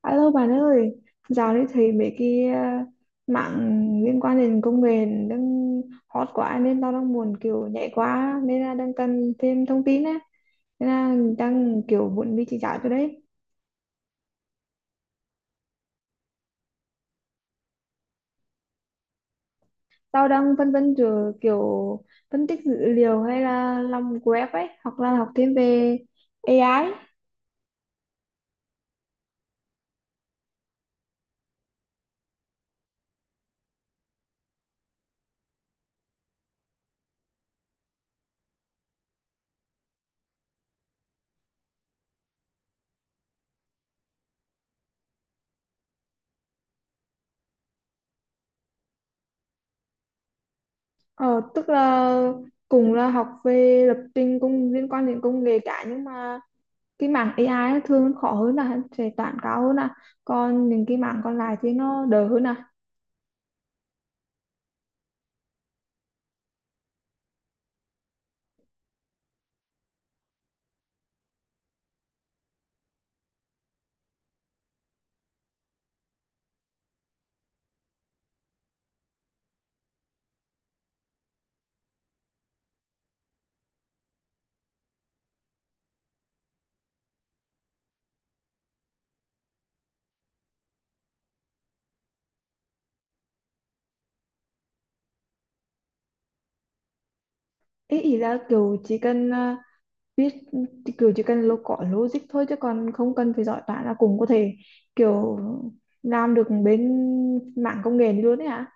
Alo bạn ơi, dạo này thấy mấy cái mạng liên quan đến công nghệ đang hot quá nên tao đang muốn kiểu nhảy quá nên là đang cần thêm thông tin á. Nên là đang kiểu muốn đi chỉ giáo cho đấy. Tao đang phân vân giữa kiểu phân tích dữ liệu hay là làm web ấy, hoặc là học thêm về AI. Ờ, tức là cùng là học về lập trình cùng liên quan đến công nghệ cả, nhưng mà cái mảng AI nó thường khó hơn, là sẽ toán cao hơn à, còn những cái mảng còn lại thì nó đỡ hơn à? Ý ý là kiểu chỉ cần biết, kiểu chỉ cần lo có logic thôi chứ còn không cần phải giỏi toán là cũng có thể kiểu làm được bên mảng công nghệ này luôn đấy hả?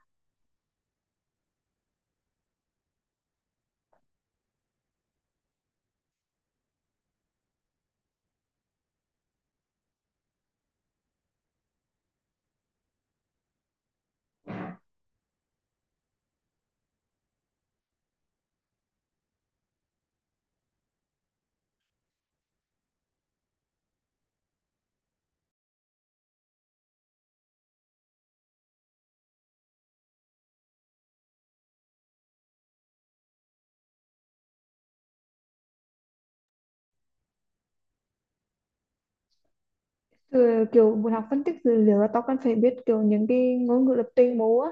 Ừ, kiểu muốn học phân tích dữ liệu là tao cần phải biết kiểu những cái ngôn ngữ lập trình bố á?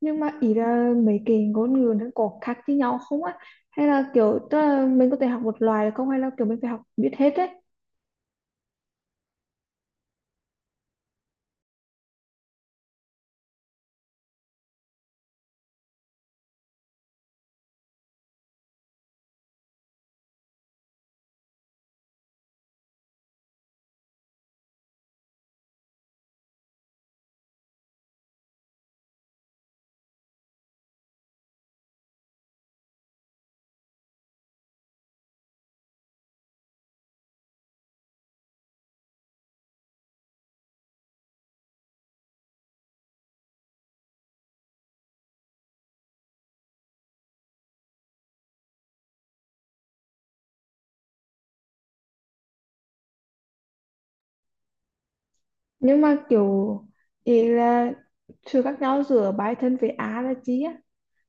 Nhưng mà ý là mấy cái ngôn ngữ nó có khác với nhau không á, hay là kiểu, tức là mình có thể học một loài được không, hay là kiểu mình phải học biết hết đấy? Nhưng mà kiểu, ý là sự khác nhau giữa bài thân với á là chi á,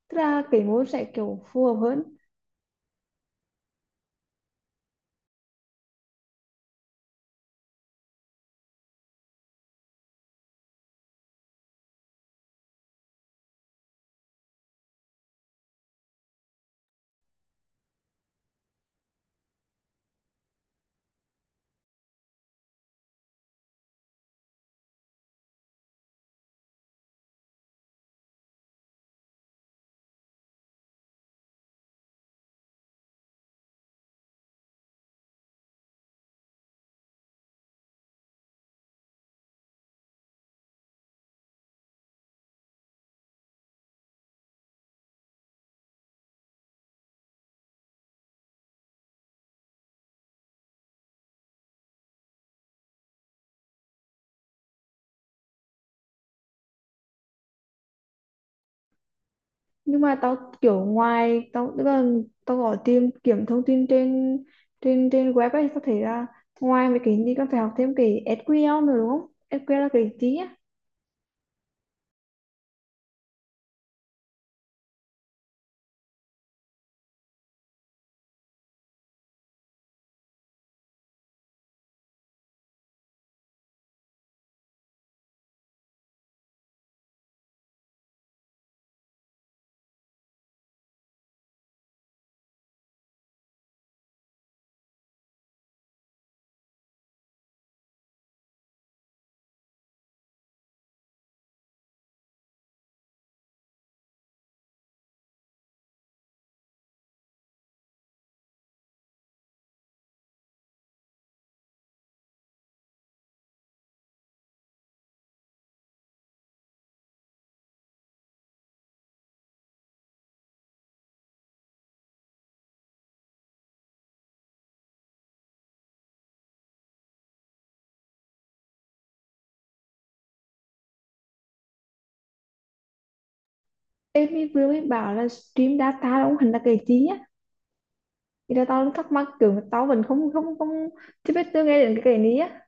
tức là cái môn sẽ kiểu phù hợp hơn. Nhưng mà tao kiểu, ngoài tao tức là tao gọi tìm kiếm thông tin trên trên trên web ấy, tao thấy là ngoài mấy cái gì con phải học thêm cái SQL nữa đúng không? SQL là cái gì á? Em mới vừa mới bảo là stream data đúng không? Hình là cái gì á? Thì là tao thắc mắc kiểu tao vẫn không không không chưa biết, chưa nghe đến cái này á.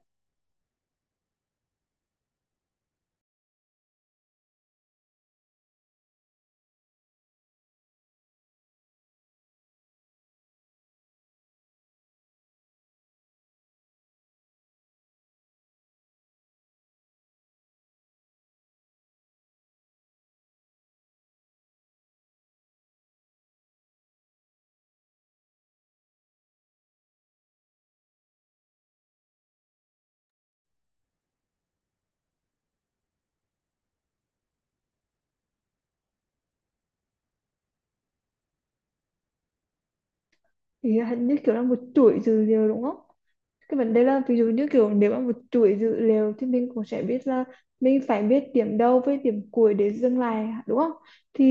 Thì hình như kiểu là một chuỗi dữ liệu đúng không? Cái vấn đề là ví dụ như kiểu nếu mà một chuỗi dữ liệu thì mình cũng sẽ biết là mình phải biết điểm đầu với điểm cuối để dừng lại đúng không? Thì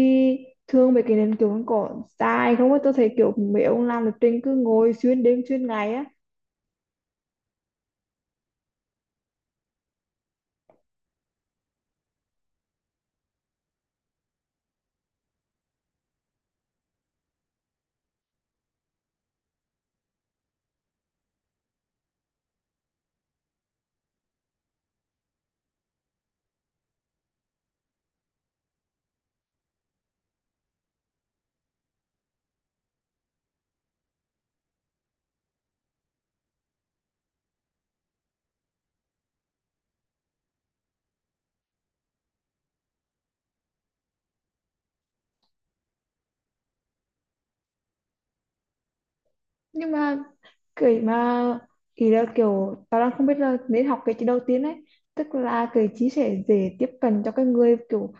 thường mấy cái nền kiểu nó có dài không á? Tôi thấy kiểu mấy ông làm lập trình cứ ngồi xuyên đêm xuyên ngày á. Nhưng mà cái mà ý là kiểu tao đang không biết là nên học cái gì đầu tiên ấy, tức là cái chí sẽ dễ tiếp cận cho cái người kiểu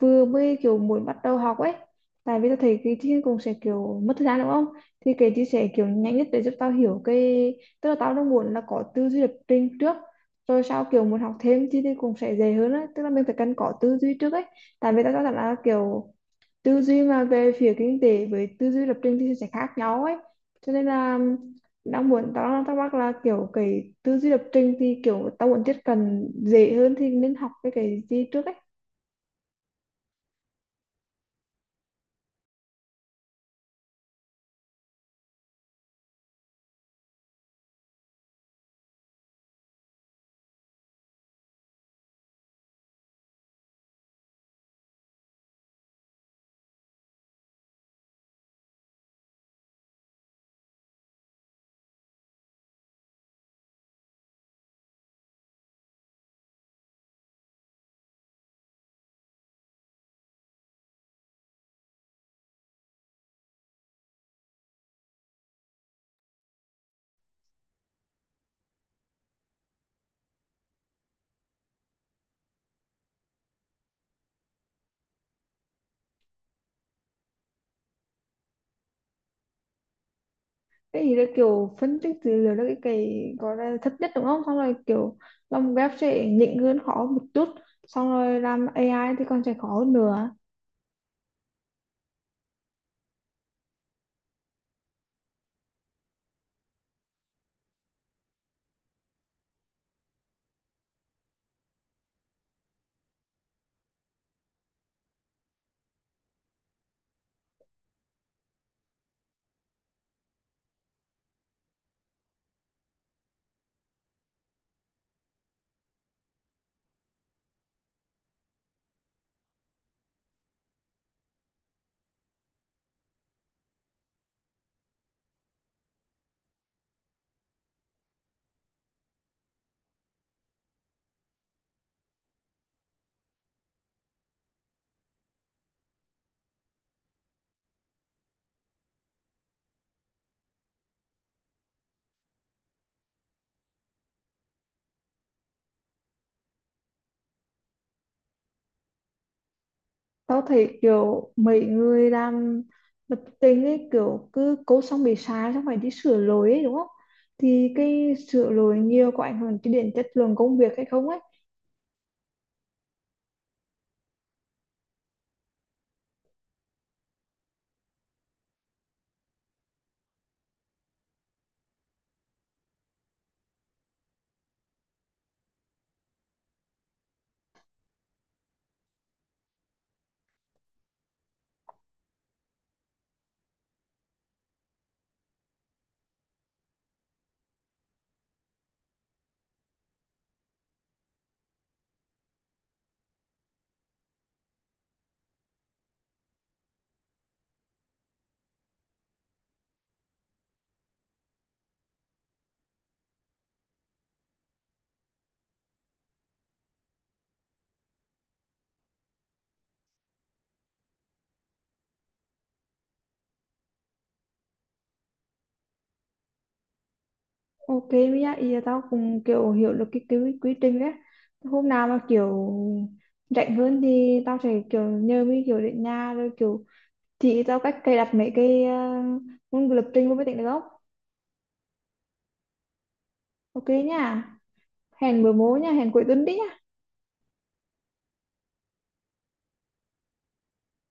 vừa mới kiểu muốn bắt đầu học ấy. Tại vì tôi thấy cái chia cũng sẽ kiểu mất thời gian đúng không? Thì cái chia sẻ kiểu nhanh nhất để giúp tao hiểu cái, tức là tao đang muốn là có tư duy lập trình trước, rồi sau kiểu muốn học thêm thì cũng sẽ dễ hơn á, tức là mình phải cần có tư duy trước ấy. Tại vì tao cho rằng là kiểu tư duy mà về phía kinh tế với tư duy lập trình thì sẽ khác nhau ấy, cho nên là đang muốn, tao đang thắc mắc là kiểu cái tư duy lập trình thì kiểu tao muốn tiếp cận dễ hơn thì nên học cái gì trước ấy. Cái gì đó kiểu phân tích dữ liệu đó, cái gọi là thấp nhất đúng không, xong rồi kiểu làm web sẽ nhỉnh hơn khó một chút, xong rồi làm AI thì còn sẽ khó hơn nữa. Tao thấy kiểu mấy người làm lập trình ấy kiểu cứ code xong bị sai xong phải đi sửa lỗi ấy đúng không? Thì cái sửa lỗi nhiều có ảnh hưởng đến chất lượng công việc hay không ấy? Ok, với lại ý là tao cũng kiểu hiểu được cái quy trình ấy. Hôm nào mà kiểu rảnh hơn thì tao sẽ kiểu nhờ mấy kiểu đến nhà rồi kiểu chị tao cách cài đặt mấy cái môn lập trình vô máy tính được không? Ok nha. Hẹn bữa mố nha, hẹn cuối tuần đi nha.